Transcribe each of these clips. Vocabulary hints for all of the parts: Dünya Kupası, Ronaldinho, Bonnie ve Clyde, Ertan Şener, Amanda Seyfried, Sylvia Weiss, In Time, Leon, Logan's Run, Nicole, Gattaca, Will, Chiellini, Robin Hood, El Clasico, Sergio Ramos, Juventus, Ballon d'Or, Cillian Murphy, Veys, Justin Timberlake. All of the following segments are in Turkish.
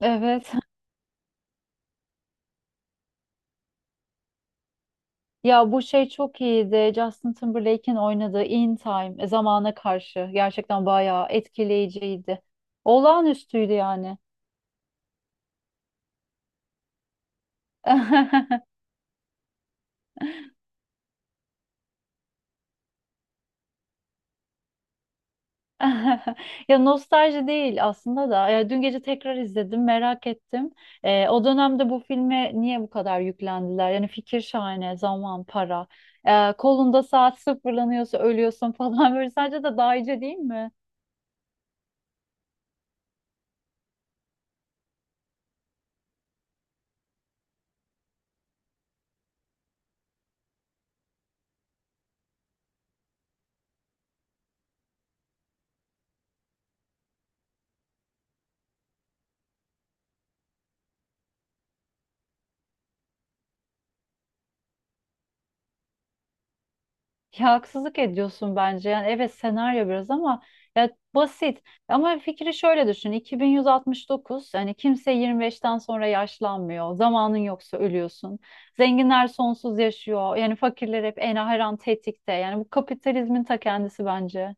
Evet. Ya bu şey çok iyiydi. Justin Timberlake'in oynadığı In Time, zamana karşı gerçekten bayağı etkileyiciydi. Olağanüstüydü yani. Ya nostalji değil aslında da. Ya dün gece tekrar izledim, merak ettim. O dönemde bu filme niye bu kadar yüklendiler? Yani fikir şahane, zaman, para. Kolunda saat sıfırlanıyorsa ölüyorsun falan böyle. Sence de dahice değil? Ya haksızlık ediyorsun bence. Yani evet, senaryo biraz ama ya basit. Ama fikri şöyle düşün. 2169, yani kimse 25'ten sonra yaşlanmıyor. Zamanın yoksa ölüyorsun. Zenginler sonsuz yaşıyor. Yani fakirler hep en her an tetikte. Yani bu kapitalizmin ta kendisi bence.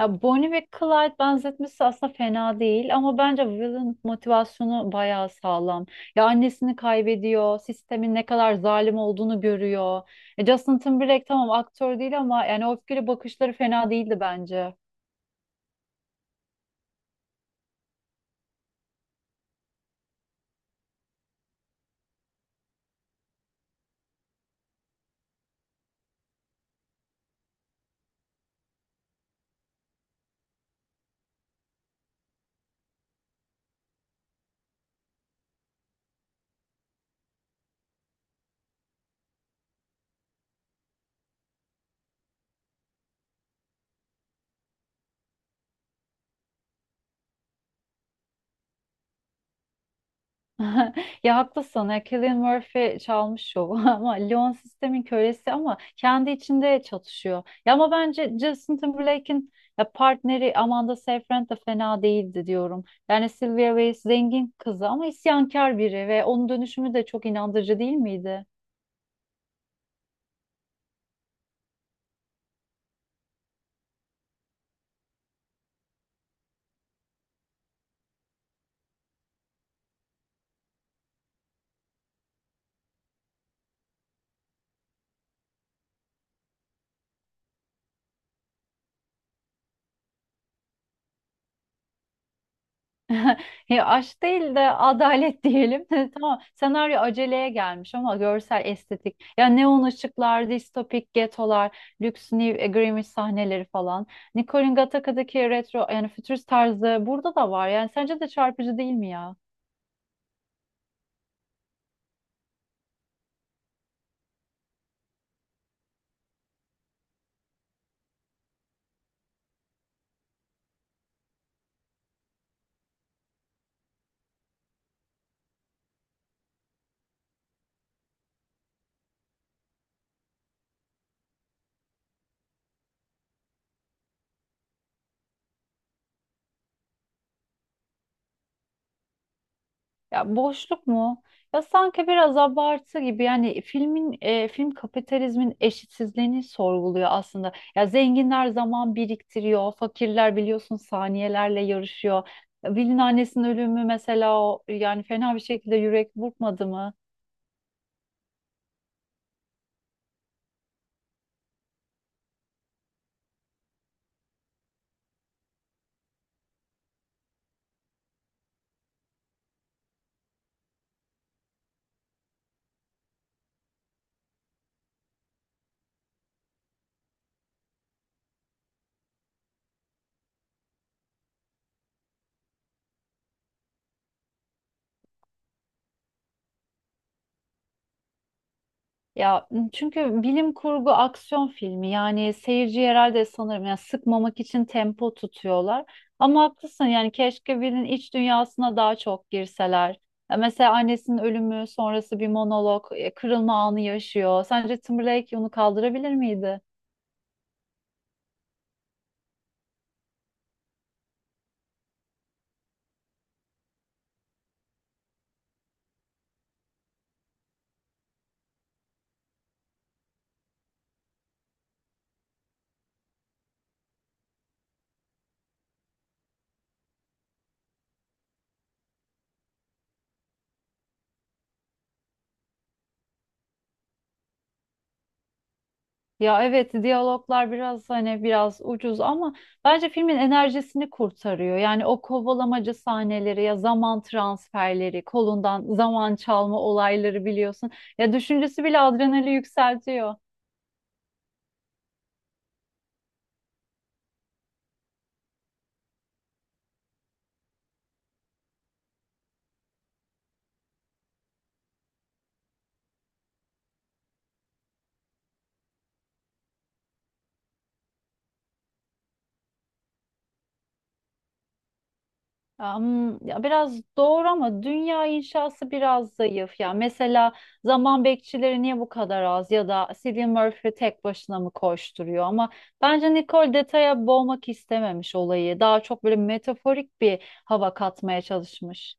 Ya Bonnie ve Clyde benzetmesi aslında fena değil ama bence Will'ın motivasyonu bayağı sağlam. Ya annesini kaybediyor, sistemin ne kadar zalim olduğunu görüyor. Justin Timberlake tamam, aktör değil ama yani o öfkeli bakışları fena değildi bence. Ya haklısın. Ya Cillian Murphy çalmış şovu ama Leon sistemin kölesi, ama kendi içinde çatışıyor. Ya ama bence Justin Timberlake'in ya partneri Amanda Seyfried de fena değildi diyorum. Yani Sylvia Weiss zengin kızı ama isyankar biri ve onun dönüşümü de çok inandırıcı değil miydi? Ya aşk değil de adalet diyelim. Tamam. Senaryo aceleye gelmiş ama görsel estetik. Ya neon ışıklar, distopik getolar, lüks New Agreement sahneleri falan. Nicole'in Gattaca'daki retro yani fütürist tarzı burada da var. Yani sence de çarpıcı değil mi ya? Ya boşluk mu? Ya sanki biraz abartı gibi. Yani film kapitalizmin eşitsizliğini sorguluyor aslında. Ya zenginler zaman biriktiriyor, fakirler biliyorsun saniyelerle yarışıyor. Ya Will'in annesinin ölümü mesela, o yani fena bir şekilde yürek burkmadı mı? Ya çünkü bilim kurgu aksiyon filmi, yani seyirci herhalde sanırım yani sıkmamak için tempo tutuyorlar. Ama haklısın, yani keşke birinin iç dünyasına daha çok girseler. Ya mesela annesinin ölümü sonrası bir monolog, kırılma anı yaşıyor. Sence Timberlake onu kaldırabilir miydi? Ya evet, diyaloglar biraz hani biraz ucuz ama bence filmin enerjisini kurtarıyor. Yani o kovalamacı sahneleri, ya zaman transferleri, kolundan zaman çalma olayları biliyorsun. Ya düşüncesi bile adrenali yükseltiyor. Ya biraz doğru ama dünya inşası biraz zayıf. Ya mesela zaman bekçileri niye bu kadar az, ya da Cillian Murphy tek başına mı koşturuyor, ama bence Nicole detaya boğmak istememiş olayı. Daha çok böyle metaforik bir hava katmaya çalışmış.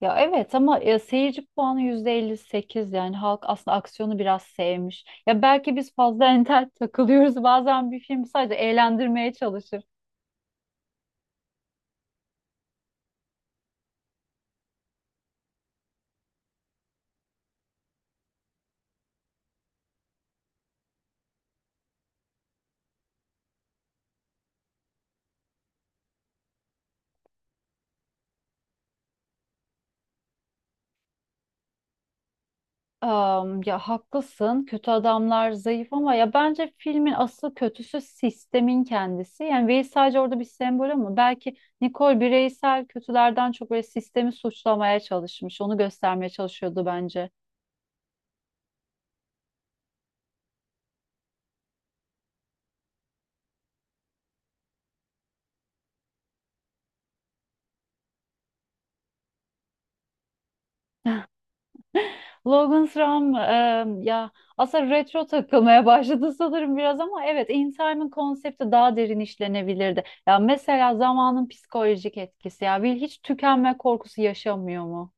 Ya evet ama seyirci puanı %58, yani halk aslında aksiyonu biraz sevmiş. Ya belki biz fazla entel takılıyoruz. Bazen bir film sadece eğlendirmeye çalışır. Ya haklısın. Kötü adamlar zayıf ama ya bence filmin asıl kötüsü sistemin kendisi. Yani Veys sadece orada bir sembol ama belki Nicole bireysel kötülerden çok böyle sistemi suçlamaya çalışmış. Onu göstermeye çalışıyordu bence. Logan's Run, ya aslında retro takılmaya başladı sanırım biraz ama evet, In Time'ın konsepti daha derin işlenebilirdi. Ya mesela zamanın psikolojik etkisi, ya Will hiç tükenme korkusu yaşamıyor mu?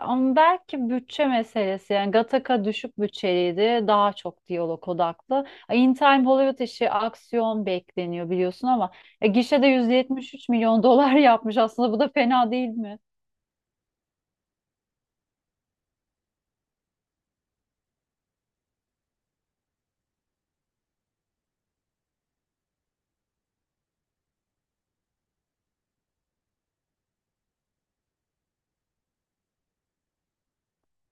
Ama belki bütçe meselesi. Yani Gattaca düşük bütçeliydi, daha çok diyalog odaklı. In Time Hollywood işi, aksiyon bekleniyor biliyorsun ama gişede 173 milyon dolar yapmış aslında, bu da fena değil mi?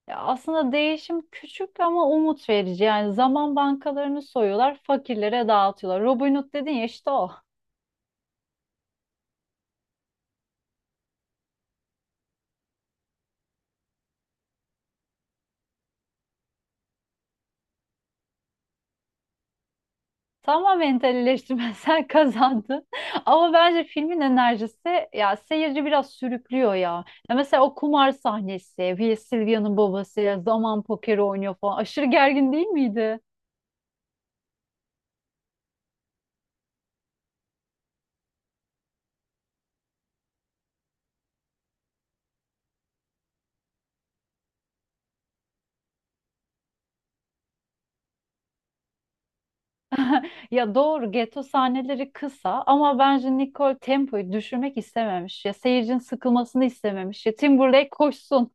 Ya aslında değişim küçük ama umut verici. Yani zaman bankalarını soyuyorlar, fakirlere dağıtıyorlar. Robin Hood dedin ya, işte o. Tamamen eleştirmensel kazandı. Ama bence filmin enerjisi ya seyirci biraz sürüklüyor ya. Ya mesela o kumar sahnesi, Will Sylvia'nın babası zaman pokeri oynuyor falan. Aşırı gergin değil miydi? Ya doğru, geto sahneleri kısa ama bence Nicole tempoyu düşürmek istememiş. Ya seyircinin sıkılmasını istememiş. Ya Timberlake koşsun.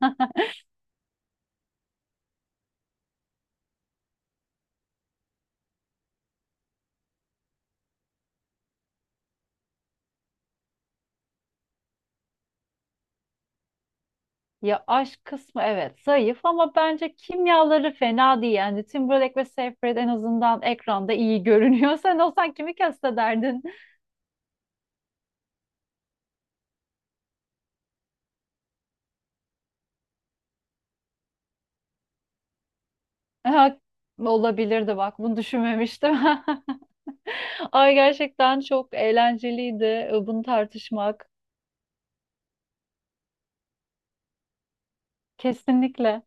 Ya aşk kısmı evet zayıf ama bence kimyaları fena değil. Yani Timberlake ve Seyfried en azından ekranda iyi görünüyor. Sen olsan kimi kastederdin? Ha, olabilirdi bak, bunu düşünmemiştim. Ay, gerçekten çok eğlenceliydi bunu tartışmak. Kesinlikle.